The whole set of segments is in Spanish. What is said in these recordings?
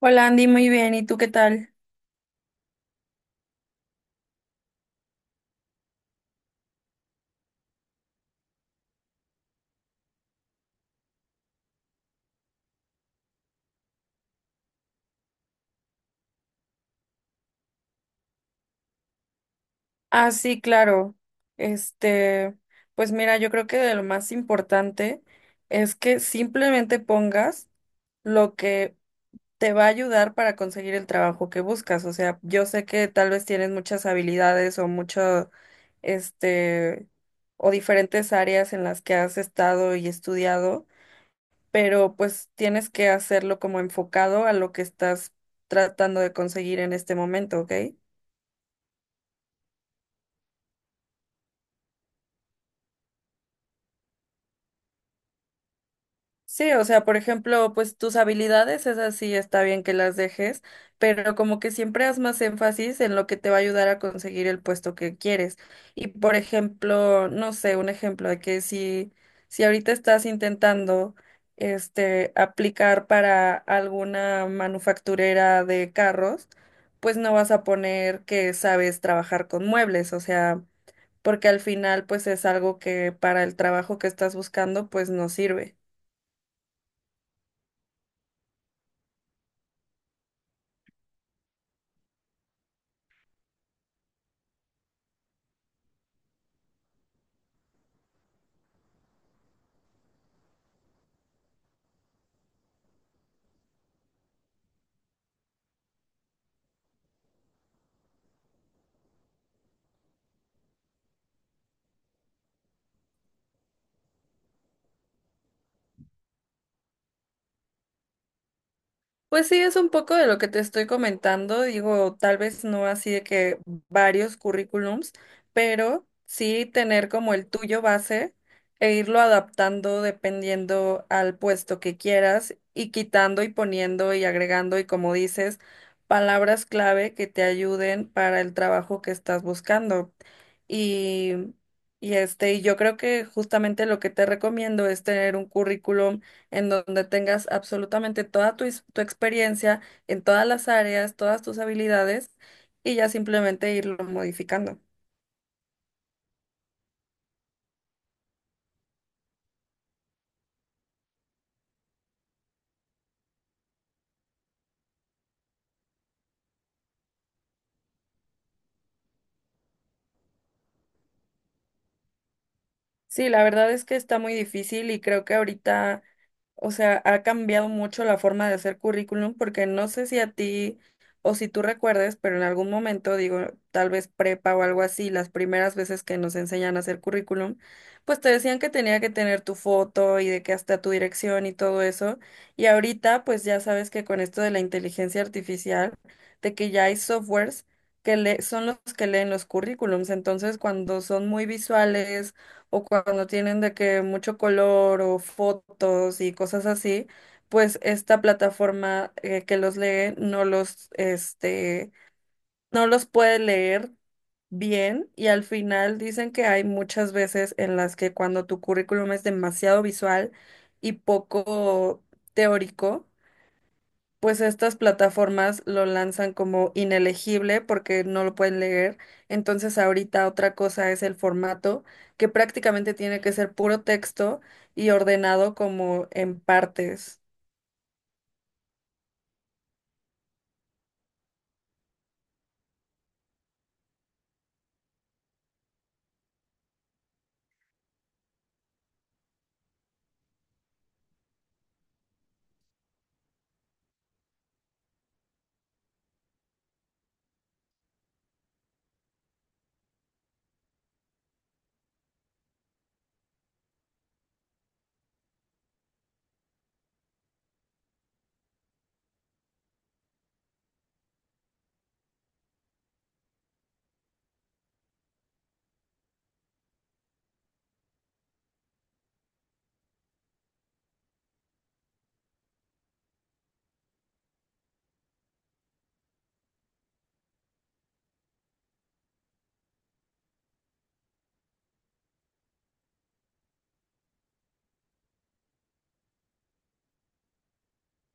Hola Andy, muy bien. ¿Y tú qué tal? Ah, sí, claro. Este, pues mira, yo creo que lo más importante es que simplemente pongas lo que te va a ayudar para conseguir el trabajo que buscas. O sea, yo sé que tal vez tienes muchas habilidades o mucho, este, o diferentes áreas en las que has estado y estudiado, pero pues tienes que hacerlo como enfocado a lo que estás tratando de conseguir en este momento, ¿ok? Sí, o sea, por ejemplo, pues tus habilidades, esas sí está bien que las dejes, pero como que siempre haz más énfasis en lo que te va a ayudar a conseguir el puesto que quieres. Y por ejemplo, no sé, un ejemplo de que si ahorita estás intentando aplicar para alguna manufacturera de carros, pues no vas a poner que sabes trabajar con muebles, o sea, porque al final pues es algo que para el trabajo que estás buscando pues no sirve. Pues sí, es un poco de lo que te estoy comentando. Digo, tal vez no así de que varios currículums, pero sí tener como el tuyo base e irlo adaptando dependiendo al puesto que quieras y quitando y poniendo y agregando y como dices, palabras clave que te ayuden para el trabajo que estás buscando. Y, y yo creo que justamente lo que te recomiendo es tener un currículum en donde tengas absolutamente toda tu, tu experiencia en todas las áreas, todas tus habilidades y ya simplemente irlo modificando. Sí, la verdad es que está muy difícil y creo que ahorita... O sea, ha cambiado mucho la forma de hacer currículum porque no sé si a ti o si tú recuerdes, pero en algún momento, digo, tal vez prepa o algo así, las primeras veces que nos enseñan a hacer currículum, pues te decían que tenía que tener tu foto y de que hasta tu dirección y todo eso. Y ahorita, pues ya sabes que con esto de la inteligencia artificial, de que ya hay softwares que le son los que leen los currículums, entonces cuando son muy visuales o cuando tienen de que mucho color o fotos y cosas así, pues esta plataforma que los lee no los puede leer bien y al final dicen que hay muchas veces en las que cuando tu currículum es demasiado visual y poco teórico, pues estas plataformas lo lanzan como inelegible porque no lo pueden leer. Entonces ahorita otra cosa es el formato, que prácticamente tiene que ser puro texto y ordenado como en partes.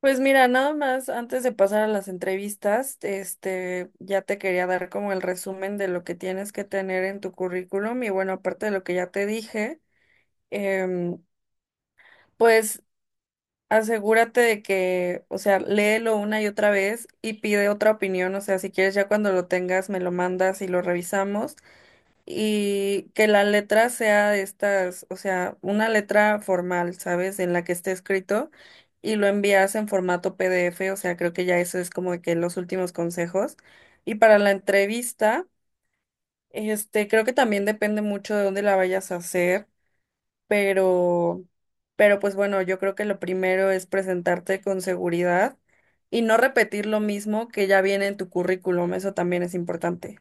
Pues mira, nada más antes de pasar a las entrevistas, ya te quería dar como el resumen de lo que tienes que tener en tu currículum y bueno, aparte de lo que ya te dije, em, pues asegúrate de que, o sea, léelo una y otra vez y pide otra opinión, o sea, si quieres ya cuando lo tengas me lo mandas y lo revisamos y que la letra sea de estas, o sea, una letra formal, ¿sabes? En la que esté escrito y lo envías en formato PDF, o sea, creo que ya eso es como de que los últimos consejos. Y para la entrevista, creo que también depende mucho de dónde la vayas a hacer pero, pero pues bueno, yo creo que lo primero es presentarte con seguridad y no repetir lo mismo que ya viene en tu currículum, eso también es importante.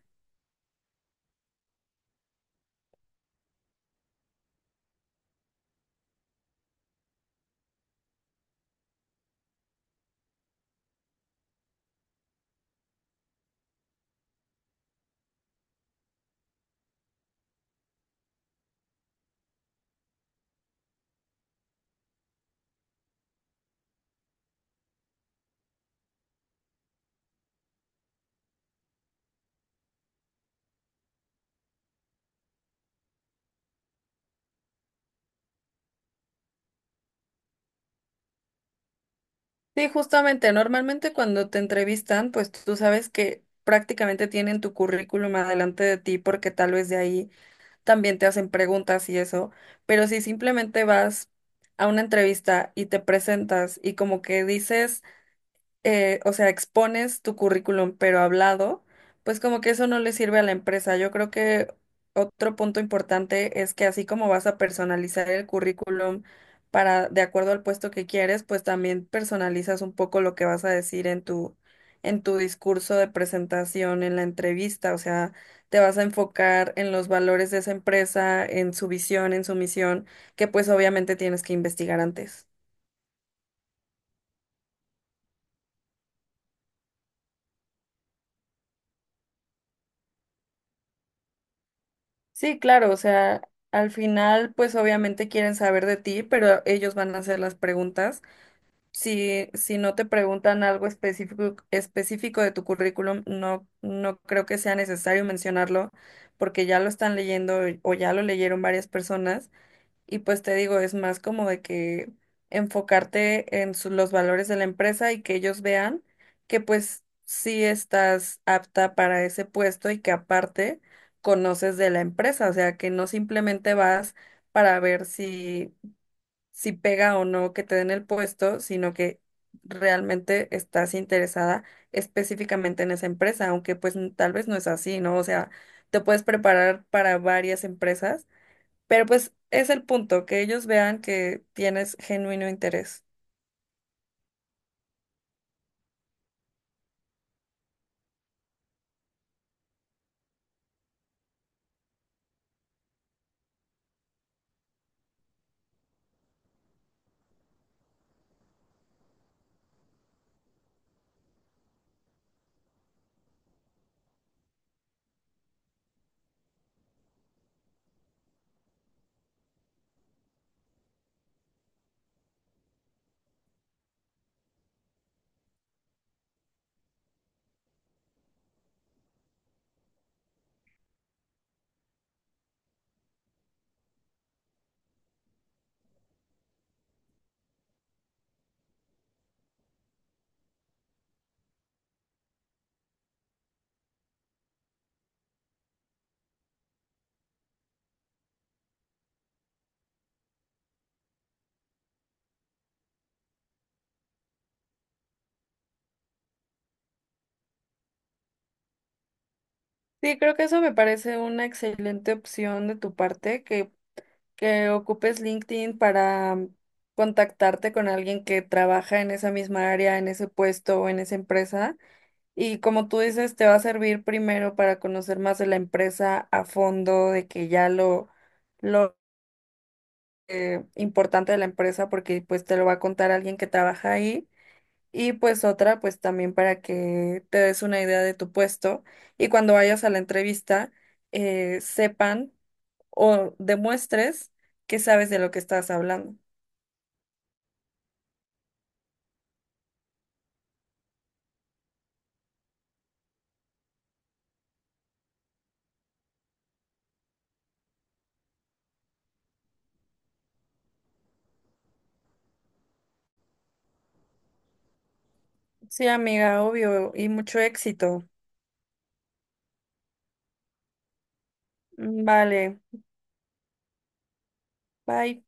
Sí, justamente, normalmente cuando te entrevistan, pues tú sabes que prácticamente tienen tu currículum adelante de ti porque tal vez de ahí también te hacen preguntas y eso, pero si simplemente vas a una entrevista y te presentas y como que dices o sea, expones tu currículum, pero hablado, pues como que eso no le sirve a la empresa. Yo creo que otro punto importante es que así como vas a personalizar el currículum para, de acuerdo al puesto que quieres, pues también personalizas un poco lo que vas a decir en tu discurso de presentación, en la entrevista. O sea, te vas a enfocar en los valores de esa empresa, en su visión, en su misión, que pues obviamente tienes que investigar antes. Sí, claro, o sea, al final, pues obviamente quieren saber de ti, pero ellos van a hacer las preguntas. Si, no te preguntan algo específico, específico de tu currículum, no creo que sea necesario mencionarlo, porque ya lo están leyendo o ya lo leyeron varias personas. Y pues te digo, es más como de que enfocarte en los valores de la empresa y que ellos vean que pues sí estás apta para ese puesto y que aparte conoces de la empresa, o sea, que no simplemente vas para ver si pega o no que te den el puesto, sino que realmente estás interesada específicamente en esa empresa, aunque pues tal vez no es así, ¿no? O sea, te puedes preparar para varias empresas pero pues es el punto, que ellos vean que tienes genuino interés. Sí, creo que eso me parece una excelente opción de tu parte, que ocupes LinkedIn para contactarte con alguien que trabaja en esa misma área, en ese puesto o en esa empresa. Y como tú dices, te va a servir primero para conocer más de la empresa a fondo, de que ya lo importante de la empresa, porque pues te lo va a contar alguien que trabaja ahí. Y pues otra, pues también para que te des una idea de tu puesto y cuando vayas a la entrevista sepan o demuestres que sabes de lo que estás hablando. Sí, amiga, obvio, y mucho éxito. Mm, vale, bye.